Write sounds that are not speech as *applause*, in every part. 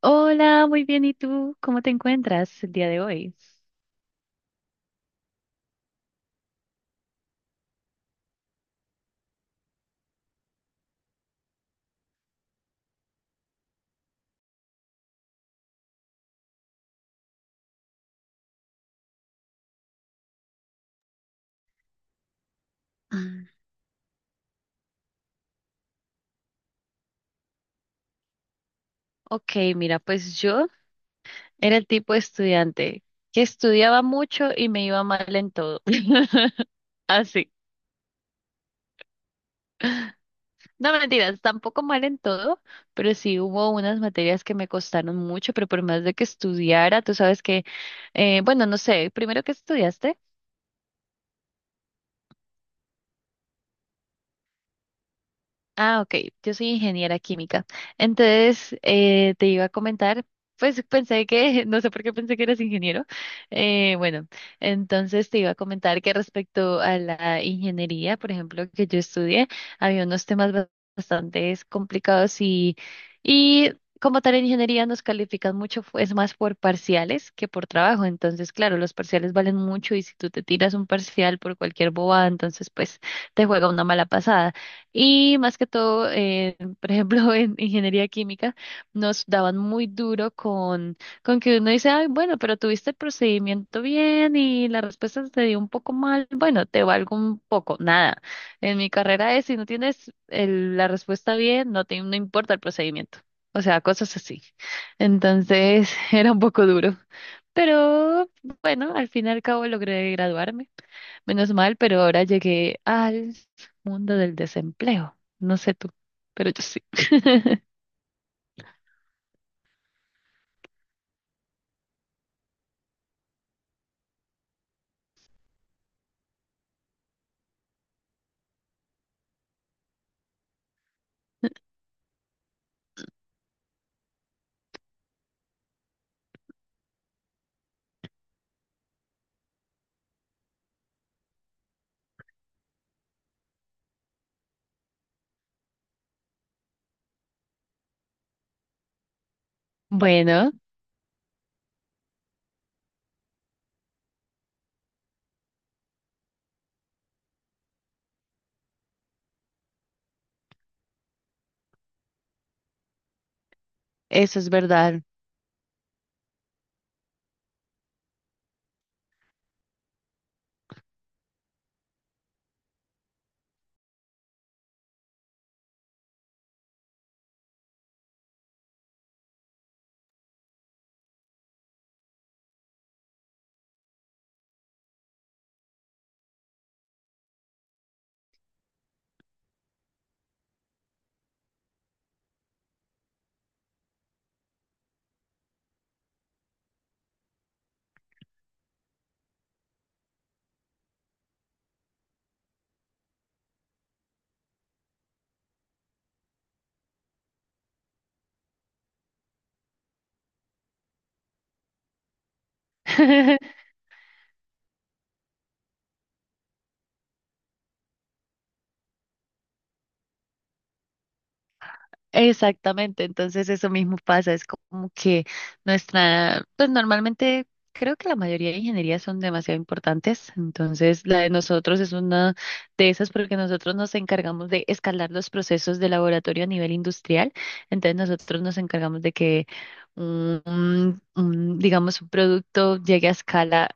Hola, muy bien. ¿Y tú? ¿Cómo te encuentras el día de hoy? Mm, ok, mira, pues yo era el tipo de estudiante que estudiaba mucho y me iba mal en todo. *laughs* Así. No mentiras, tampoco mal en todo, pero sí hubo unas materias que me costaron mucho, pero por más de que estudiara, tú sabes que, bueno, no sé, primero que estudiaste. Ah, ok, yo soy ingeniera química. Entonces, te iba a comentar, pues pensé que, *laughs* no sé por qué pensé que eras ingeniero. Bueno, entonces te iba a comentar que respecto a la ingeniería, por ejemplo, que yo estudié, había unos temas bastante complicados y como tal en ingeniería nos califican mucho, es más por parciales que por trabajo. Entonces, claro, los parciales valen mucho y si tú te tiras un parcial por cualquier boba, entonces pues te juega una mala pasada. Y más que todo, por ejemplo, *laughs* en ingeniería química nos daban muy duro con que uno dice, ay, bueno, pero tuviste el procedimiento bien y la respuesta te dio un poco mal, bueno, te valgo un poco, nada. En mi carrera es, si no tienes la respuesta bien, no importa el procedimiento. O sea, cosas así. Entonces, *laughs* era un poco duro. Pero bueno, al fin y al cabo logré graduarme. Menos mal, pero ahora llegué al mundo del desempleo. No sé tú, pero yo sí. *laughs* Bueno, eso es verdad. *laughs* Exactamente, entonces eso mismo pasa, es como que nuestra, pues normalmente creo que la mayoría de ingenierías son demasiado importantes, entonces la de nosotros es una de esas porque nosotros nos encargamos de escalar los procesos de laboratorio a nivel industrial, entonces nosotros nos encargamos de que digamos, un producto llegue a escala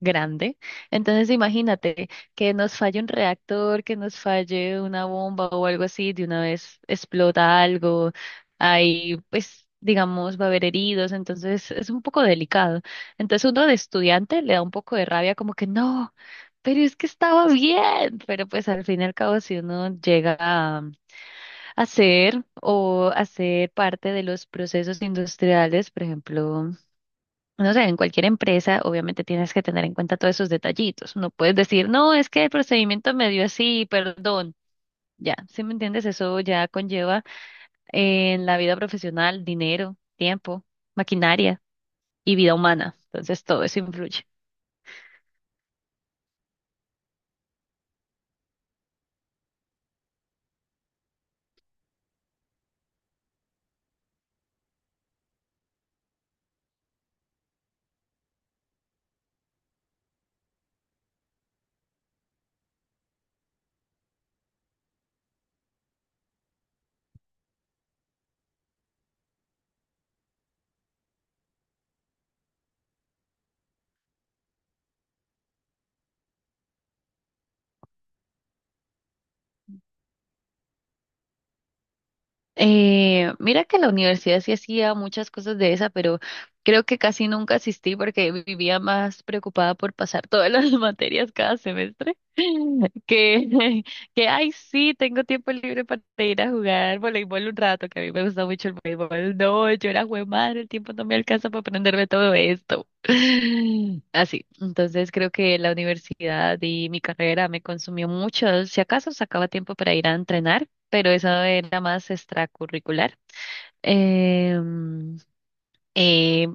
grande. Entonces, imagínate que nos falle un reactor, que nos falle una bomba o algo así, de una vez explota algo, ahí pues digamos va a haber heridos, entonces es un poco delicado. Entonces uno de estudiante le da un poco de rabia como que no, pero es que estaba bien, pero pues al fin y al cabo si uno llega a hacer o hacer parte de los procesos industriales, por ejemplo, no sé, en cualquier empresa obviamente tienes que tener en cuenta todos esos detallitos. No puedes decir, no, es que el procedimiento me dio así, perdón. Ya, ¿si me entiendes? Eso ya conlleva en la vida profesional dinero, tiempo, maquinaria y vida humana. Entonces todo eso influye. Mira que la universidad sí hacía muchas cosas de esa, pero creo que casi nunca asistí porque vivía más preocupada por pasar todas las *laughs* materias cada semestre que, *laughs* que, ay, sí, tengo tiempo libre para ir a jugar voleibol un rato, que a mí me gusta mucho el voleibol. No, yo era madre, el tiempo no me alcanza para aprenderme todo esto. *laughs* Así, entonces creo que la universidad y mi carrera me consumió mucho. Si acaso sacaba tiempo para ir a entrenar, pero eso era más extracurricular. Em, eh,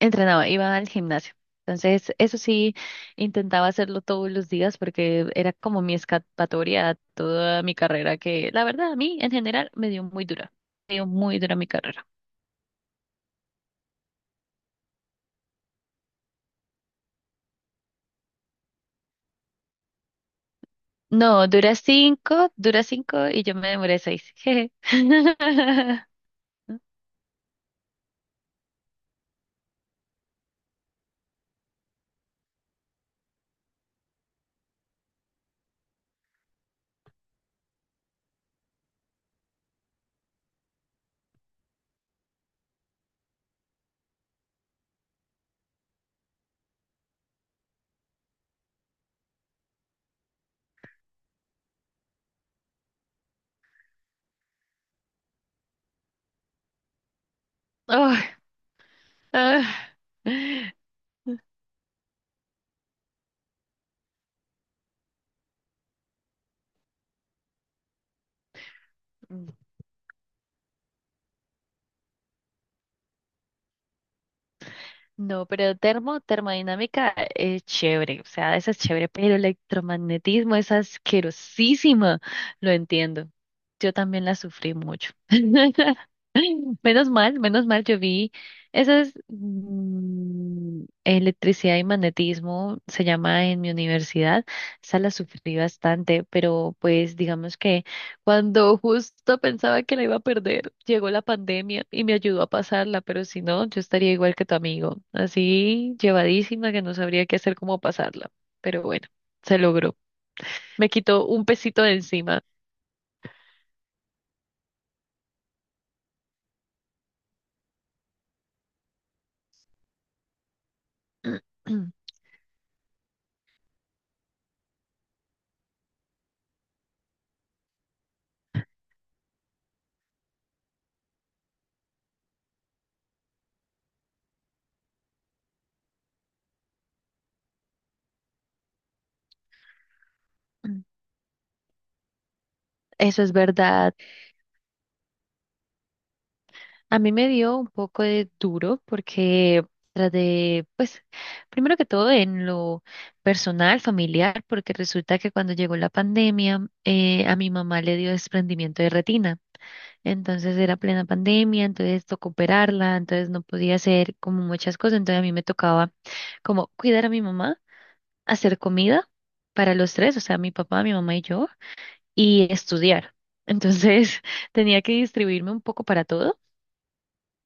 entrenaba, iba al gimnasio. Entonces, eso sí, intentaba hacerlo todos los días porque era como mi escapatoria a toda mi carrera, que la verdad a mí en general me dio muy dura, me dio muy dura mi carrera. No, dura cinco y yo me demoré seis. Jeje. *laughs* Oh, ah. No, pero termodinámica es chévere, o sea, esa es chévere, pero electromagnetismo es asquerosísima, lo entiendo. Yo también la sufrí mucho. *laughs* Menos mal, yo vi esas electricidad y magnetismo, se llama en mi universidad, esa la sufrí bastante, pero pues digamos que cuando justo pensaba que la iba a perder, llegó la pandemia y me ayudó a pasarla, pero si no, yo estaría igual que tu amigo, así llevadísima que no sabría qué hacer cómo pasarla. Pero bueno, se logró. Me quitó un pesito de encima. *clears throat* Eso es verdad. A mí me dio un poco de duro porque traté, pues, primero que todo en lo personal, familiar, porque resulta que cuando llegó la pandemia, a mi mamá le dio desprendimiento de retina. Entonces era plena pandemia, entonces tocó operarla, entonces no podía hacer como muchas cosas. Entonces a mí me tocaba como cuidar a mi mamá, hacer comida para los tres, o sea, mi papá, mi mamá y yo, y estudiar. Entonces *laughs* tenía que distribuirme un poco para todo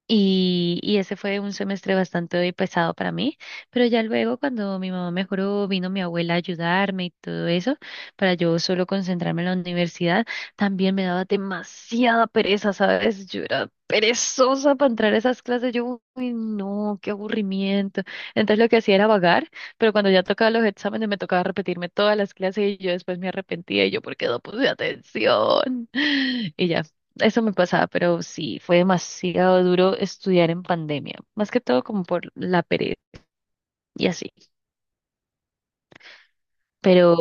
y ese fue un semestre bastante pesado para mí, pero ya luego cuando mi mamá mejoró, vino mi abuela a ayudarme y todo eso, para yo solo concentrarme en la universidad, también me daba demasiada pereza, ¿sabes? Yo era perezosa para entrar a esas clases, yo, uy, no, qué aburrimiento. Entonces lo que hacía era vagar, pero cuando ya tocaba los exámenes me tocaba repetirme todas las clases y yo después me arrepentía y yo, ¿por qué no puse atención? *laughs* Y ya, eso me pasaba, pero sí, fue demasiado duro estudiar en pandemia, más que todo como por la pereza y así. Pero,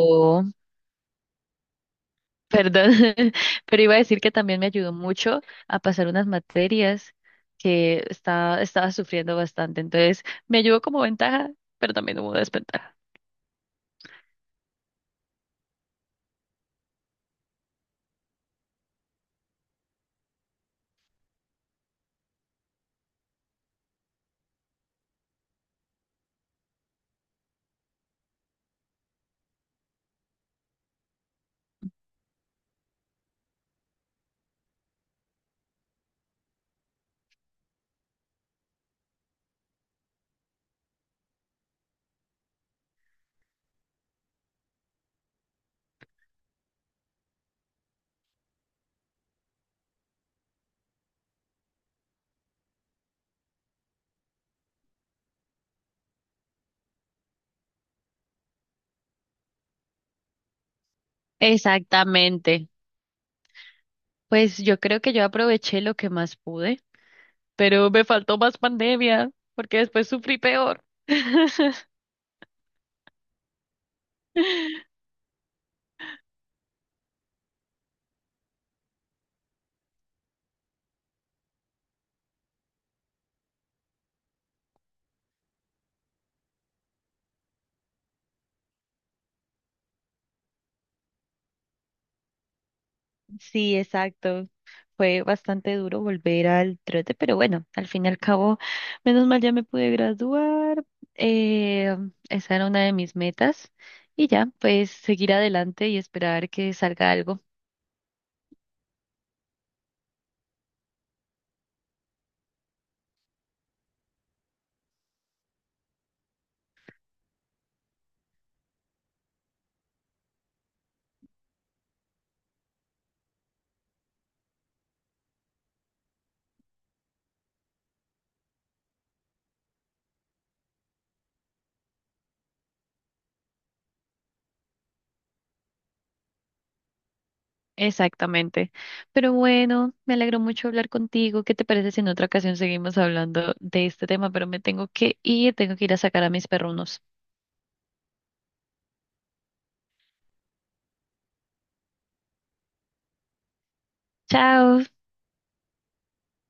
perdón, *laughs* pero iba a decir que también me ayudó mucho a pasar unas materias que estaba sufriendo bastante. Entonces, me ayudó como ventaja, pero también hubo desventaja. Exactamente. Pues yo creo que yo aproveché lo que más pude, pero me faltó más pandemia, porque después sufrí peor. *laughs* Sí, exacto. Fue bastante duro volver al trote, pero bueno, al fin y al cabo, menos mal ya me pude graduar. Eh, esa era una de mis metas. Y ya, pues seguir adelante y esperar que salga algo. Exactamente. Pero bueno, me alegró mucho hablar contigo. ¿Qué te parece si en otra ocasión seguimos hablando de este tema? Pero me tengo que ir a sacar a mis perrunos. Chao.